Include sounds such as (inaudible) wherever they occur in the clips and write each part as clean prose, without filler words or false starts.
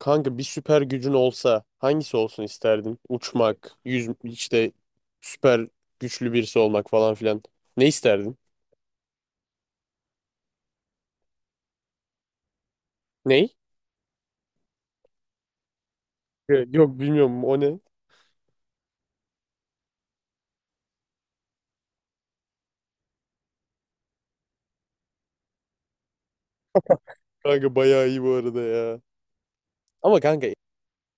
Kanka bir süper gücün olsa hangisi olsun isterdin? Uçmak, yüz işte süper güçlü birisi olmak falan filan. Ne isterdin? Ney? Ya, yok bilmiyorum, o ne? Kanka bayağı iyi bu arada ya. Ama kanka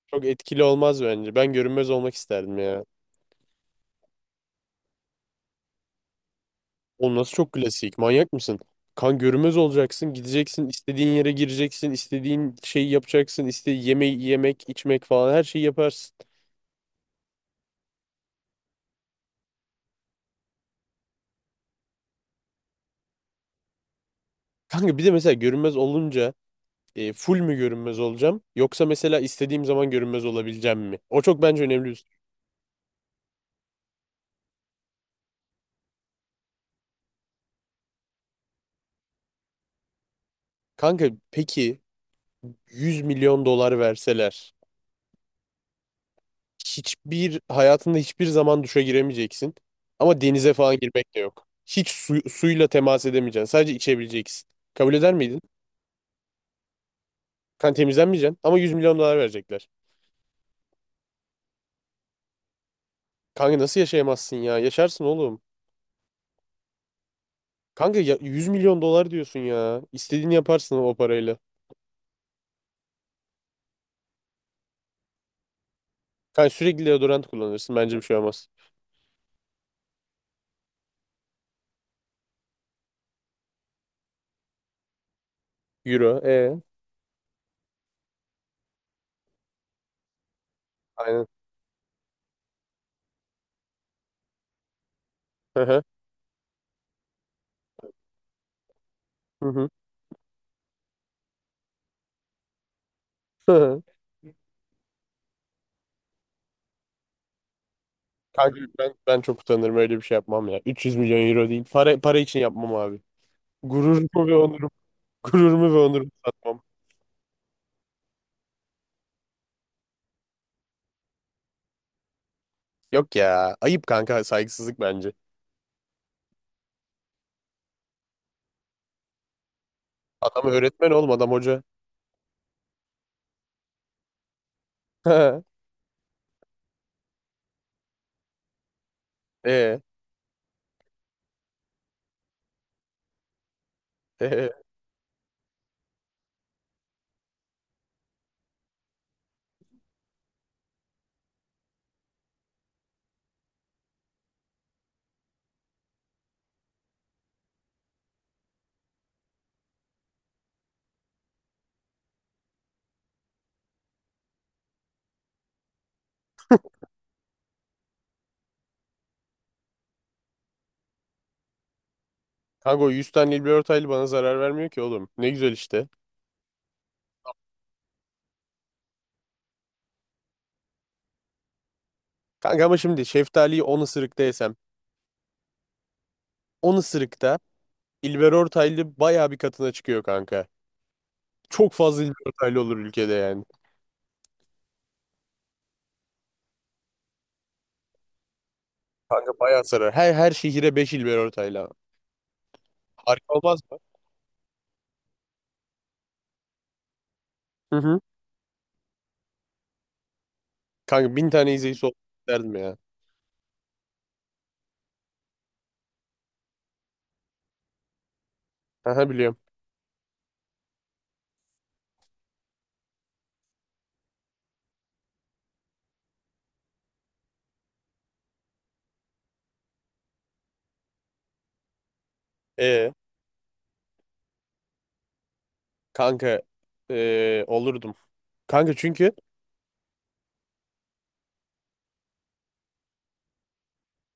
çok etkili olmaz bence. Ben görünmez olmak isterdim ya. Oğlum nasıl çok klasik? Manyak mısın? Kan görünmez olacaksın, gideceksin, istediğin yere gireceksin, istediğin şeyi yapacaksın, istediğin yemeği yemek, içmek falan her şeyi yaparsın. Kanka bir de mesela görünmez olunca full mü görünmez olacağım yoksa mesela istediğim zaman görünmez olabileceğim mi? O çok bence önemli. Soru. Kanka peki 100 milyon dolar verseler hiçbir hayatında hiçbir zaman duşa giremeyeceksin ama denize falan girmek de yok. Hiç suyla temas edemeyeceksin. Sadece içebileceksin. Kabul eder miydin? Kan temizlenmeyeceksin ama 100 milyon dolar verecekler. Kanka nasıl yaşayamazsın ya? Yaşarsın oğlum. Kanka ya 100 milyon dolar diyorsun ya. İstediğini yaparsın o parayla. Kanka sürekli deodorant kullanırsın. Bence bir şey olmaz. Euro. E. Aynen. Hı hı. Hı hı. Hı hı. Kanka ben çok utanırım öyle bir şey yapmam ya. 300 milyon euro değil. Para için yapmam abi. Gururumu ve onurum. (laughs) Gururumu ve onurumu satmam. Yok ya. Ayıp kanka. Saygısızlık bence. Adam öğretmen oğlum. Adam hoca. (laughs) E, e. Kanka o 100 tane Nilgün Ortaylı bana zarar vermiyor ki oğlum. Ne güzel işte. Kanka ama şimdi şeftaliyi 10 ısırıkta yesem. 10 ısırıkta İlber Ortaylı bayağı bir katına çıkıyor kanka. Çok fazla İlber Ortaylı olur ülkede yani. Kanka bayağı sarar. Her şehire 5 il ver ortayla. Harika olmaz mı? Hı hı. Kanka bin tane izleyicisi olmak isterdim ya. Aha biliyorum. Ee, kanka olurdum. Kanka çünkü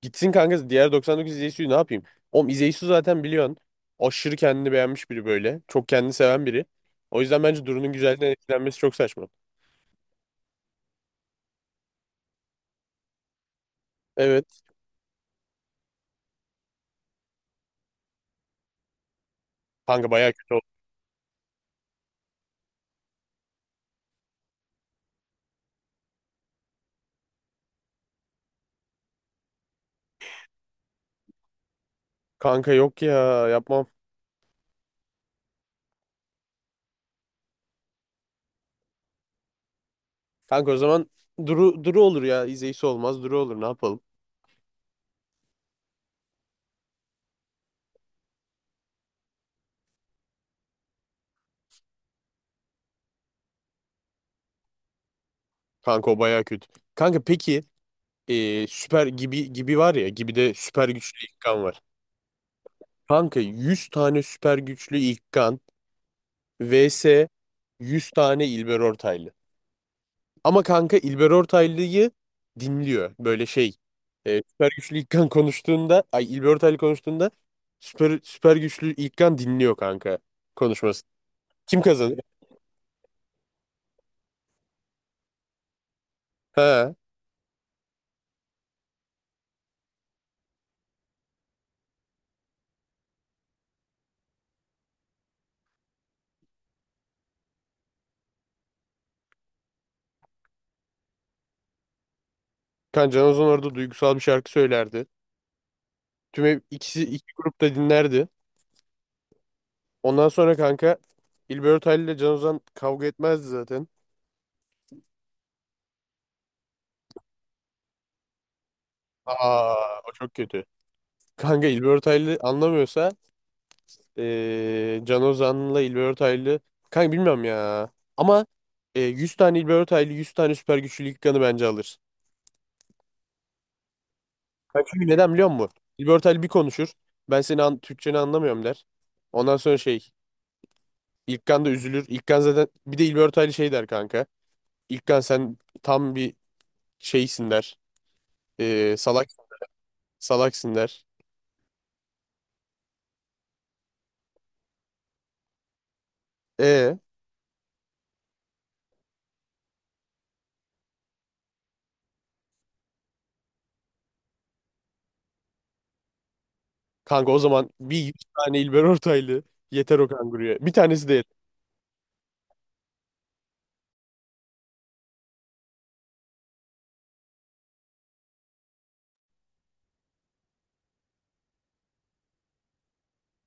gitsin kanka diğer 99 izleyicisi ne yapayım? Oğlum izleyicisi zaten biliyorsun. Aşırı kendini beğenmiş biri böyle. Çok kendini seven biri. O yüzden bence Duru'nun güzelliğinden etkilenmesi çok saçma. Evet. Kanka bayağı kötü oldu. Kanka yok ya yapmam. Kanka o zaman Duru, Duru olur ya. İzleyicisi olmaz. Duru olur ne yapalım. Kanka o bayağı kötü. Kanka peki süper gibi gibi var ya gibi de süper güçlü İlkan var. Kanka 100 tane süper güçlü İlkan vs 100 tane İlber Ortaylı. Ama kanka İlber Ortaylı'yı dinliyor böyle şey. Süper güçlü İlkan konuştuğunda ay İlber Ortaylı konuştuğunda süper güçlü İlkan dinliyor kanka konuşması. Kim kazanır? Ha. Kan Can Ozan orada duygusal bir şarkı söylerdi. Tüm ikisi iki grupta dinlerdi. Ondan sonra kanka İlber Ortaylı ile Can Ozan kavga etmezdi zaten. Aa o çok kötü. Kanka İlber Ortaylı anlamıyorsa Can Ozan'la İlber Ortaylı kanka bilmiyorum ya. Ama 100 tane İlber Ortaylı 100 tane süper güçlü ilk kanı bence alır. Kanka çünkü neden biliyor musun? İlber Ortaylı bir konuşur. Ben seni Türkçeni anlamıyorum der. Ondan sonra şey İlkan da üzülür. İlkan zaten bir de İlber Ortaylı şey der kanka. İlkan sen tam bir şeysin der. Eee salak Salaksın der. Ee, kanka o zaman bir 100 tane İlber Ortaylı yeter o kanguruya. Bir tanesi de yeter.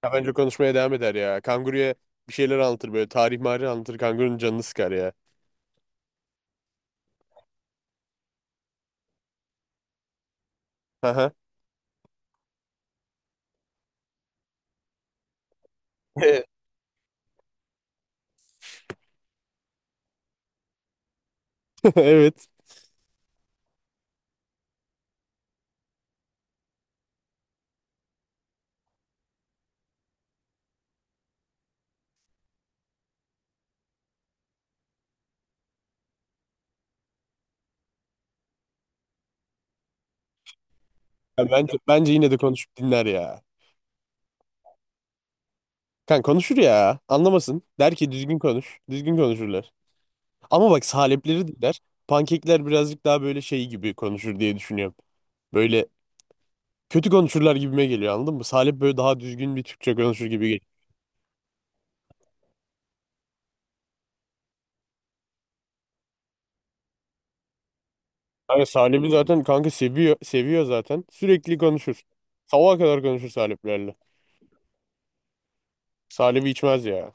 Ya bence konuşmaya devam eder ya. Kanguruya bir şeyler anlatır böyle. Tarih marih anlatır. Kangurunun canını sıkar ya. Aha. Evet. (laughs) Evet. Ya bence yine de konuşup dinler ya. Kan konuşur ya. Anlamasın. Der ki düzgün konuş. Düzgün konuşurlar. Ama bak salepleri dinler. Pankekler birazcık daha böyle şey gibi konuşur diye düşünüyorum. Böyle kötü konuşurlar gibime geliyor anladın mı? Salep böyle daha düzgün bir Türkçe konuşur gibi geliyor. Kanka Salim'i zaten kanka seviyor seviyor zaten. Sürekli konuşur. Sabaha kadar konuşur Saliplerle. Salim'i içmez ya.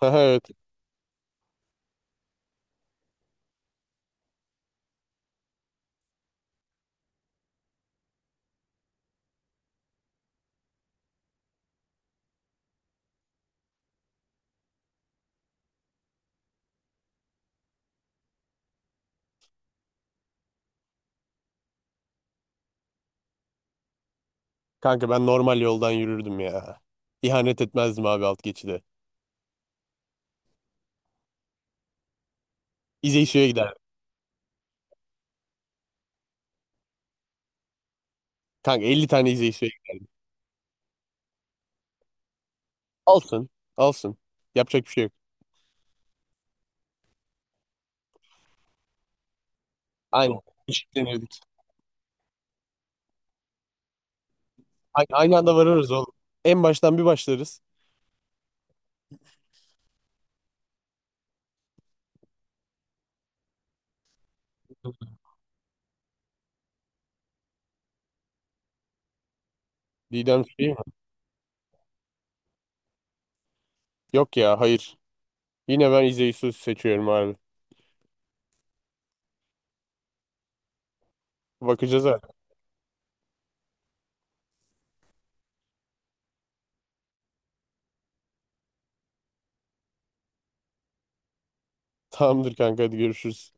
(laughs) Evet. Kanka ben normal yoldan yürürdüm ya. İhanet etmezdim abi alt geçide. İzeysu'ya gider. Kanka 50 tane İzeysu'ya. Alsın. Alsın. Yapacak bir şey yok. Aynen. Eşitlenirdik. Aynı anda varırız oğlum. En baştan bir başlarız. Didem şey mi? Yok ya hayır. Yine ben İzeysu'yu seçiyorum abi. Bakacağız artık. Tamamdır kanka hadi görüşürüz.